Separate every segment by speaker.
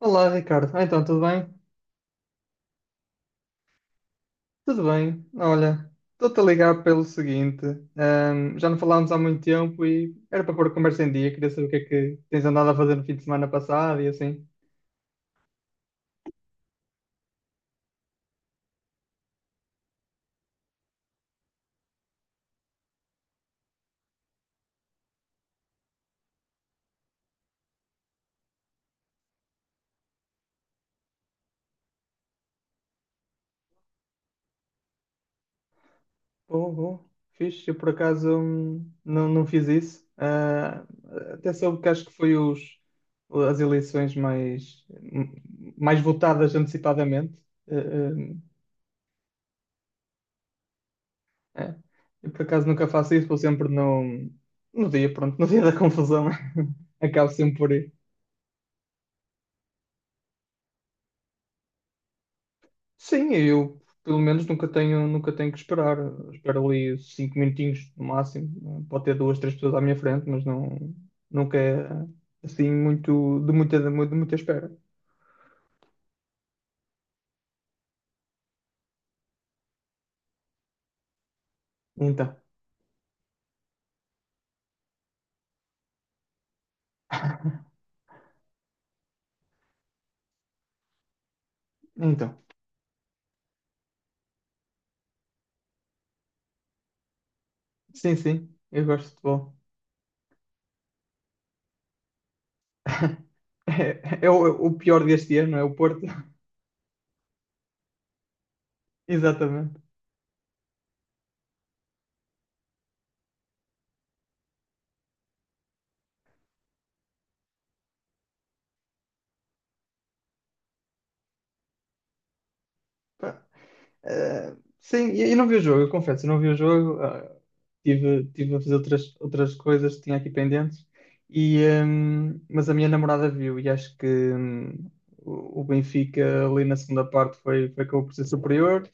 Speaker 1: Olá, Ricardo. Então, tudo bem? Tudo bem. Olha, estou-te a ligar pelo seguinte. Já não falámos há muito tempo e era para pôr a conversa em dia. Queria saber o que é que tens andado a fazer no fim de semana passado e assim. Bom, bom. Fiz. Eu, por acaso, não, não fiz isso. Até soube que acho que foi os, as eleições mais votadas antecipadamente. Ah, ah, É. Eu por acaso nunca faço isso, vou sempre no dia, pronto, no dia da confusão. Acabo sempre por ir. Sim, eu pelo menos nunca tenho que esperar. Espero ali 5 minutinhos no máximo. Pode ter duas, três pessoas à minha frente, mas não, nunca é assim muito de muita espera. Então, então. Sim, sim, eu gosto de futebol. É o pior deste ano, é o Porto. Exatamente. Eh, sim, e não vi o jogo, eu confesso, eu não vi o jogo. Tive a fazer outras, outras coisas que tinha aqui pendentes, e, mas a minha namorada viu e acho que o Benfica ali na segunda parte foi, foi acabou por ser superior.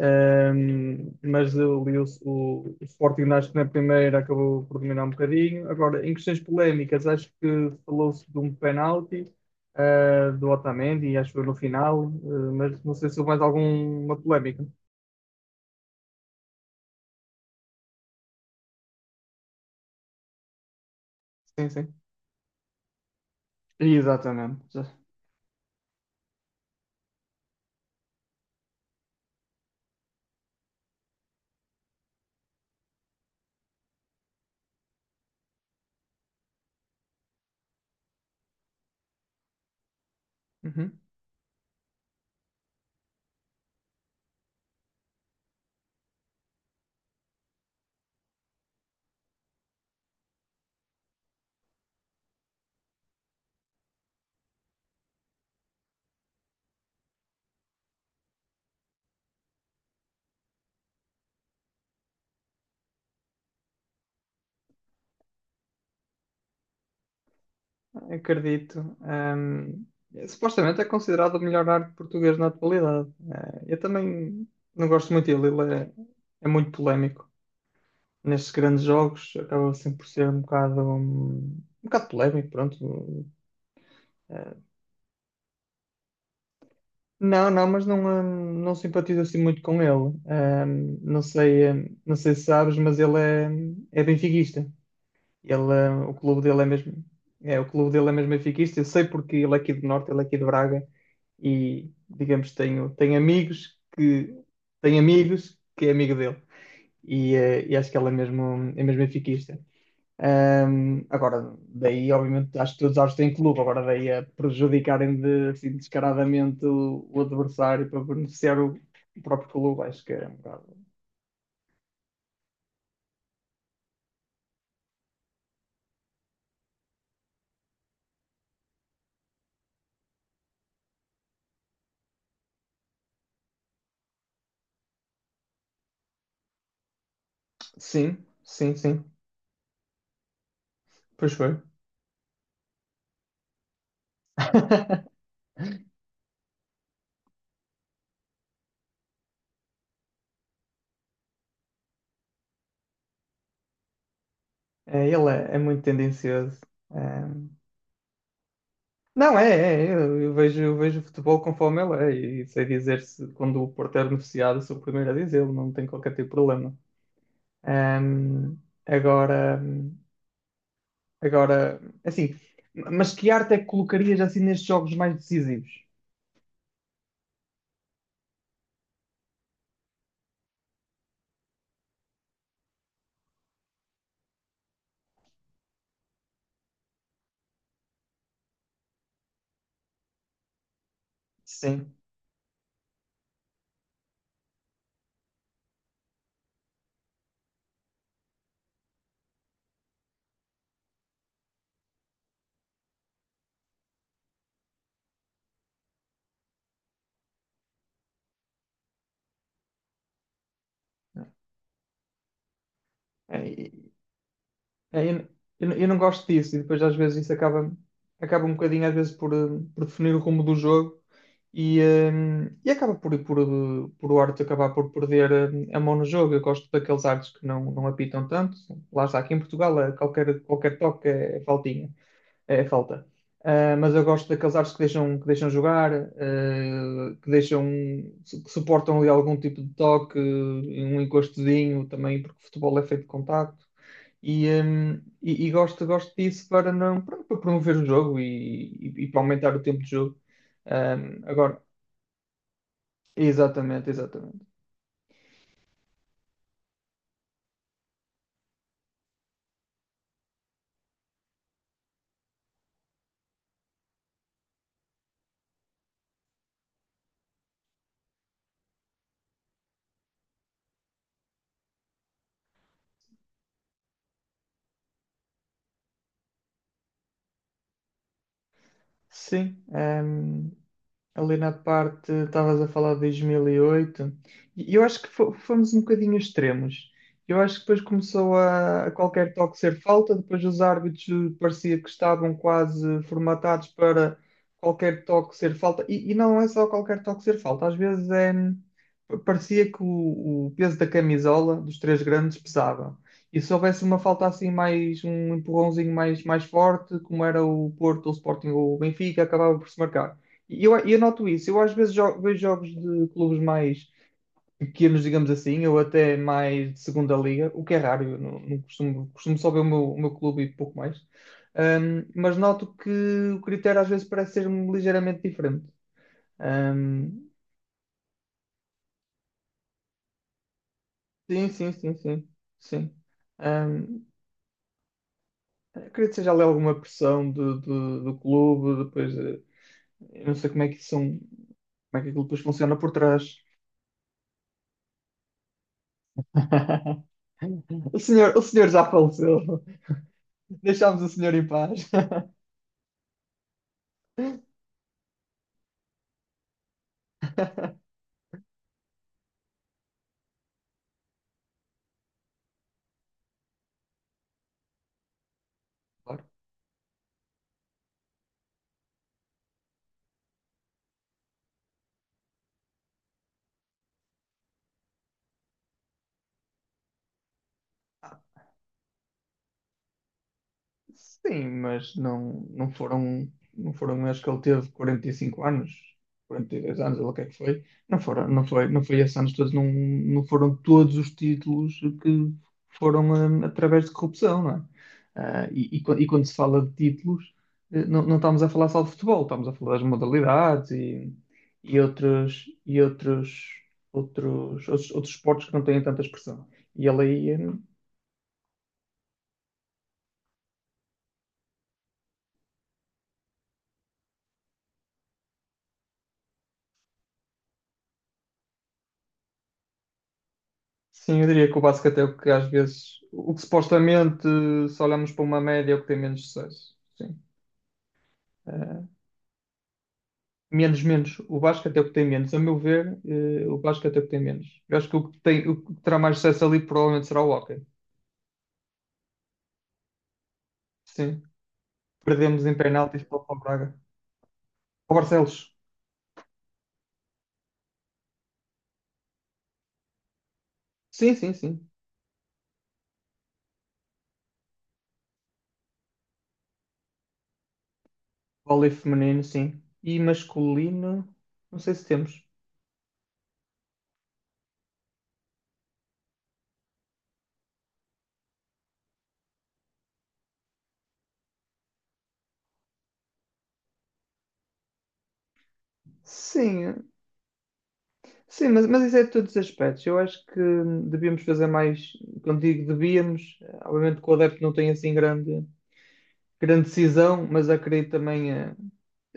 Speaker 1: Mas eu li o Sporting acho que na primeira acabou por dominar um bocadinho. Agora, em questões polémicas, acho que falou-se de um penalti. Do Otamendi, acho que foi no final, mas não sei se houve mais alguma polémica. Sim, sim. Exatamente. Uhum. Acredito. Supostamente é considerado o melhor arte português na atualidade. Eu também não gosto muito dele. Ele é muito polémico. Nestes grandes jogos acaba sempre por ser um bocado polémico, pronto. Eh, não, não, mas não, não simpatizo assim muito com ele. Não sei, não sei se sabes, mas ele é benfiquista. O clube dele é mesmo, o clube dele é mesmo benfiquista. Eu sei porque ele é aqui do Norte, ele é aqui de Braga e, digamos, tenho amigos que tem amigos que é amigo dele e acho que ele é mesmo benfiquista. Agora, daí, obviamente, acho que todos os árbitros têm clube, agora daí a prejudicarem de, assim, descaradamente o adversário para beneficiar o próprio clube, acho que é um bocado. Sim, sim, sim. Pois foi. É, ele é muito tendencioso. É. Não, eu vejo o futebol conforme ele é, e sei dizer se quando o Porto é beneficiado, sou o primeiro a dizê-lo, não tem qualquer tipo de problema. Hum, agora, agora, assim, mas que arte é que colocarias assim nestes jogos mais decisivos? Sim. É, É, eu, n- eu não gosto disso e depois às vezes isso acaba um bocadinho às vezes por definir o rumo do jogo e, eh, e acaba por o árbitro acabar por perder a mão no jogo. Eu gosto daqueles árbitros que não apitam tanto. Lá está, aqui em Portugal qualquer toque é faltinha. É falta. Mas eu gosto daqueles árbitros que deixam, que suportam ali algum tipo de toque, um encostozinho também, porque o futebol é feito de contacto. E, hum, e gosto disso para, não, para, para promover o jogo e, e para aumentar o tempo de jogo. Hum, agora, exatamente, exatamente. Sim, ali na parte, estavas a falar de 2008, e oito, e eu acho que fomos um bocadinho extremos. Eu acho que depois começou a qualquer toque ser falta, depois os árbitros parecia que estavam quase formatados para qualquer toque ser falta, e não é só qualquer toque ser falta, às vezes parecia que o peso da camisola dos três grandes pesava. E se houvesse uma falta assim mais, um empurrãozinho mais forte, como era o Porto, o Sporting ou o Benfica, acabava por se marcar. E eu noto isso. Eu às vezes vejo jogos de clubes mais pequenos, digamos assim, ou até mais de segunda liga, o que é raro. Eu não, não costumo só ver o meu clube e pouco mais. Mas noto que o critério às vezes parece ser ligeiramente diferente. Ahm, sim, sim, sim, sim. Sim. Ahm, Eu acredito que seja ali alguma pressão do clube, depois eu não sei como é que são, como é que aquilo depois funciona por trás. O senhor já faleceu. Deixámos o senhor em paz. Sim, mas não, não foram, acho que ele teve 45 anos, 42 anos, ou o que é que foi. Não foram, não foi esses anos todos, não foram todos os títulos que foram através de corrupção, não é? E quando se fala de títulos, não estamos a falar só de futebol, estamos a falar das modalidades e, e outros, e outros, outros esportes que não têm tanta expressão. E ele aí. Sim, eu diria que o basquete é o que às vezes, o que supostamente, se olharmos para uma média, é o que tem menos sucesso. Sim. Eh, menos, menos. O basquete é o que tem menos. A meu ver, o basquete é o que tem menos. Eu acho que o que tem, o que terá mais sucesso ali provavelmente será o hóquei. Sim. Perdemos em penaltis para o Braga. O Barcelos. Sim, sim, sim. Vôlei feminino, sim. E masculino, não sei se temos. Sim, sim, mas isso é de todos os aspectos. Eu acho que devíamos fazer mais, quando digo devíamos, obviamente que o adepto não tem assim grande, grande decisão, mas acredito também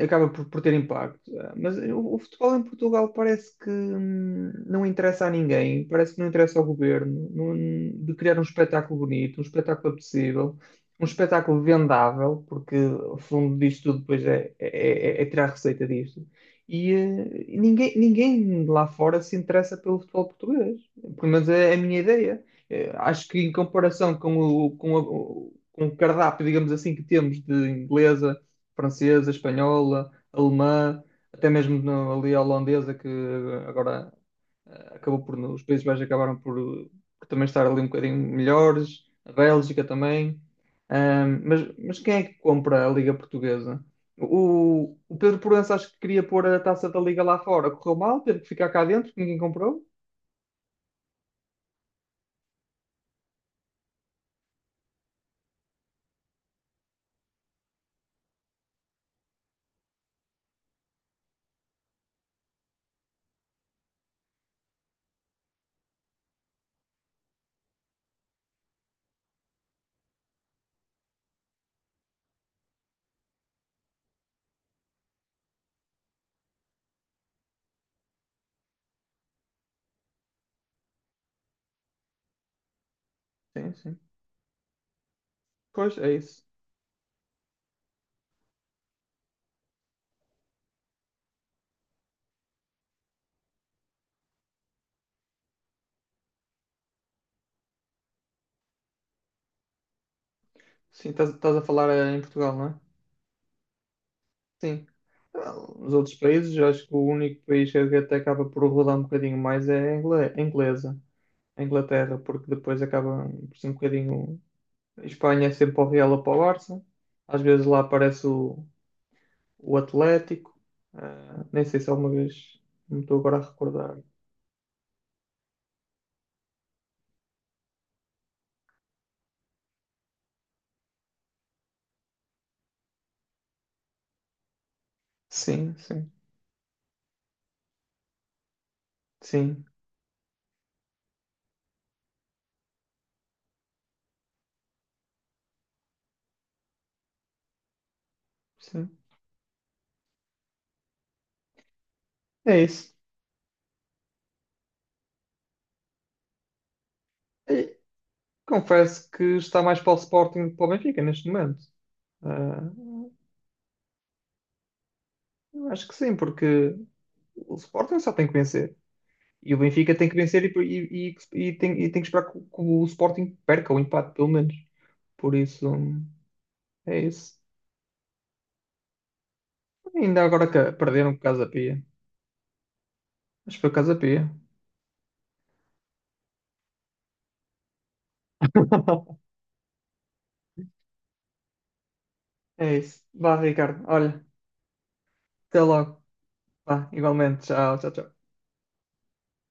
Speaker 1: acaba por ter impacto. Mas o futebol em Portugal parece que não interessa a ninguém, parece que não interessa ao governo, de criar um espetáculo bonito, um espetáculo apetecível, um espetáculo vendável, porque o fundo disto tudo depois é, é tirar receita disto. Ninguém, ninguém lá fora se interessa pelo futebol português. Pelo menos é a minha ideia. Acho que em comparação com o, com a- o- com o cardápio, digamos assim, que temos de inglesa, francesa, espanhola, alemã, até mesmo ali a holandesa, que agora acabou por, os Países Baixos acabaram por também estar ali um bocadinho melhores, a Bélgica também. Mas quem é que compra a Liga Portuguesa? O Pedro Proença acho que queria pôr a taça da Liga lá fora, correu mal, teve que ficar cá dentro, ninguém comprou. Sim, sim. Pois, é isso. Sim, estás a falar em Portugal, não é? Sim. Não, nos outros países, eu acho que o único país que até acaba por rodar um bocadinho mais é a inglesa, a Inglaterra, porque depois acaba por ser um bocadinho. A Espanha é sempre para o Real ou para o Barça, às vezes lá aparece o Atlético, nem sei se alguma vez, não me estou agora a recordar. Sim, sim, sim, sim. É isso. E confesso que está mais para o Sporting do que para o Benfica neste momento. Ah, eu acho que sim, porque o Sporting só tem que vencer. E o Benfica tem que vencer e tem que esperar que o Sporting perca o empate, pelo menos. Por isso, é isso. Ainda agora que perderam por o da Pia. Mas foi o causa Pia. É isso. Vá, Ricardo. Olha, até logo. Vá, igualmente. Tchau, tchau, tchau.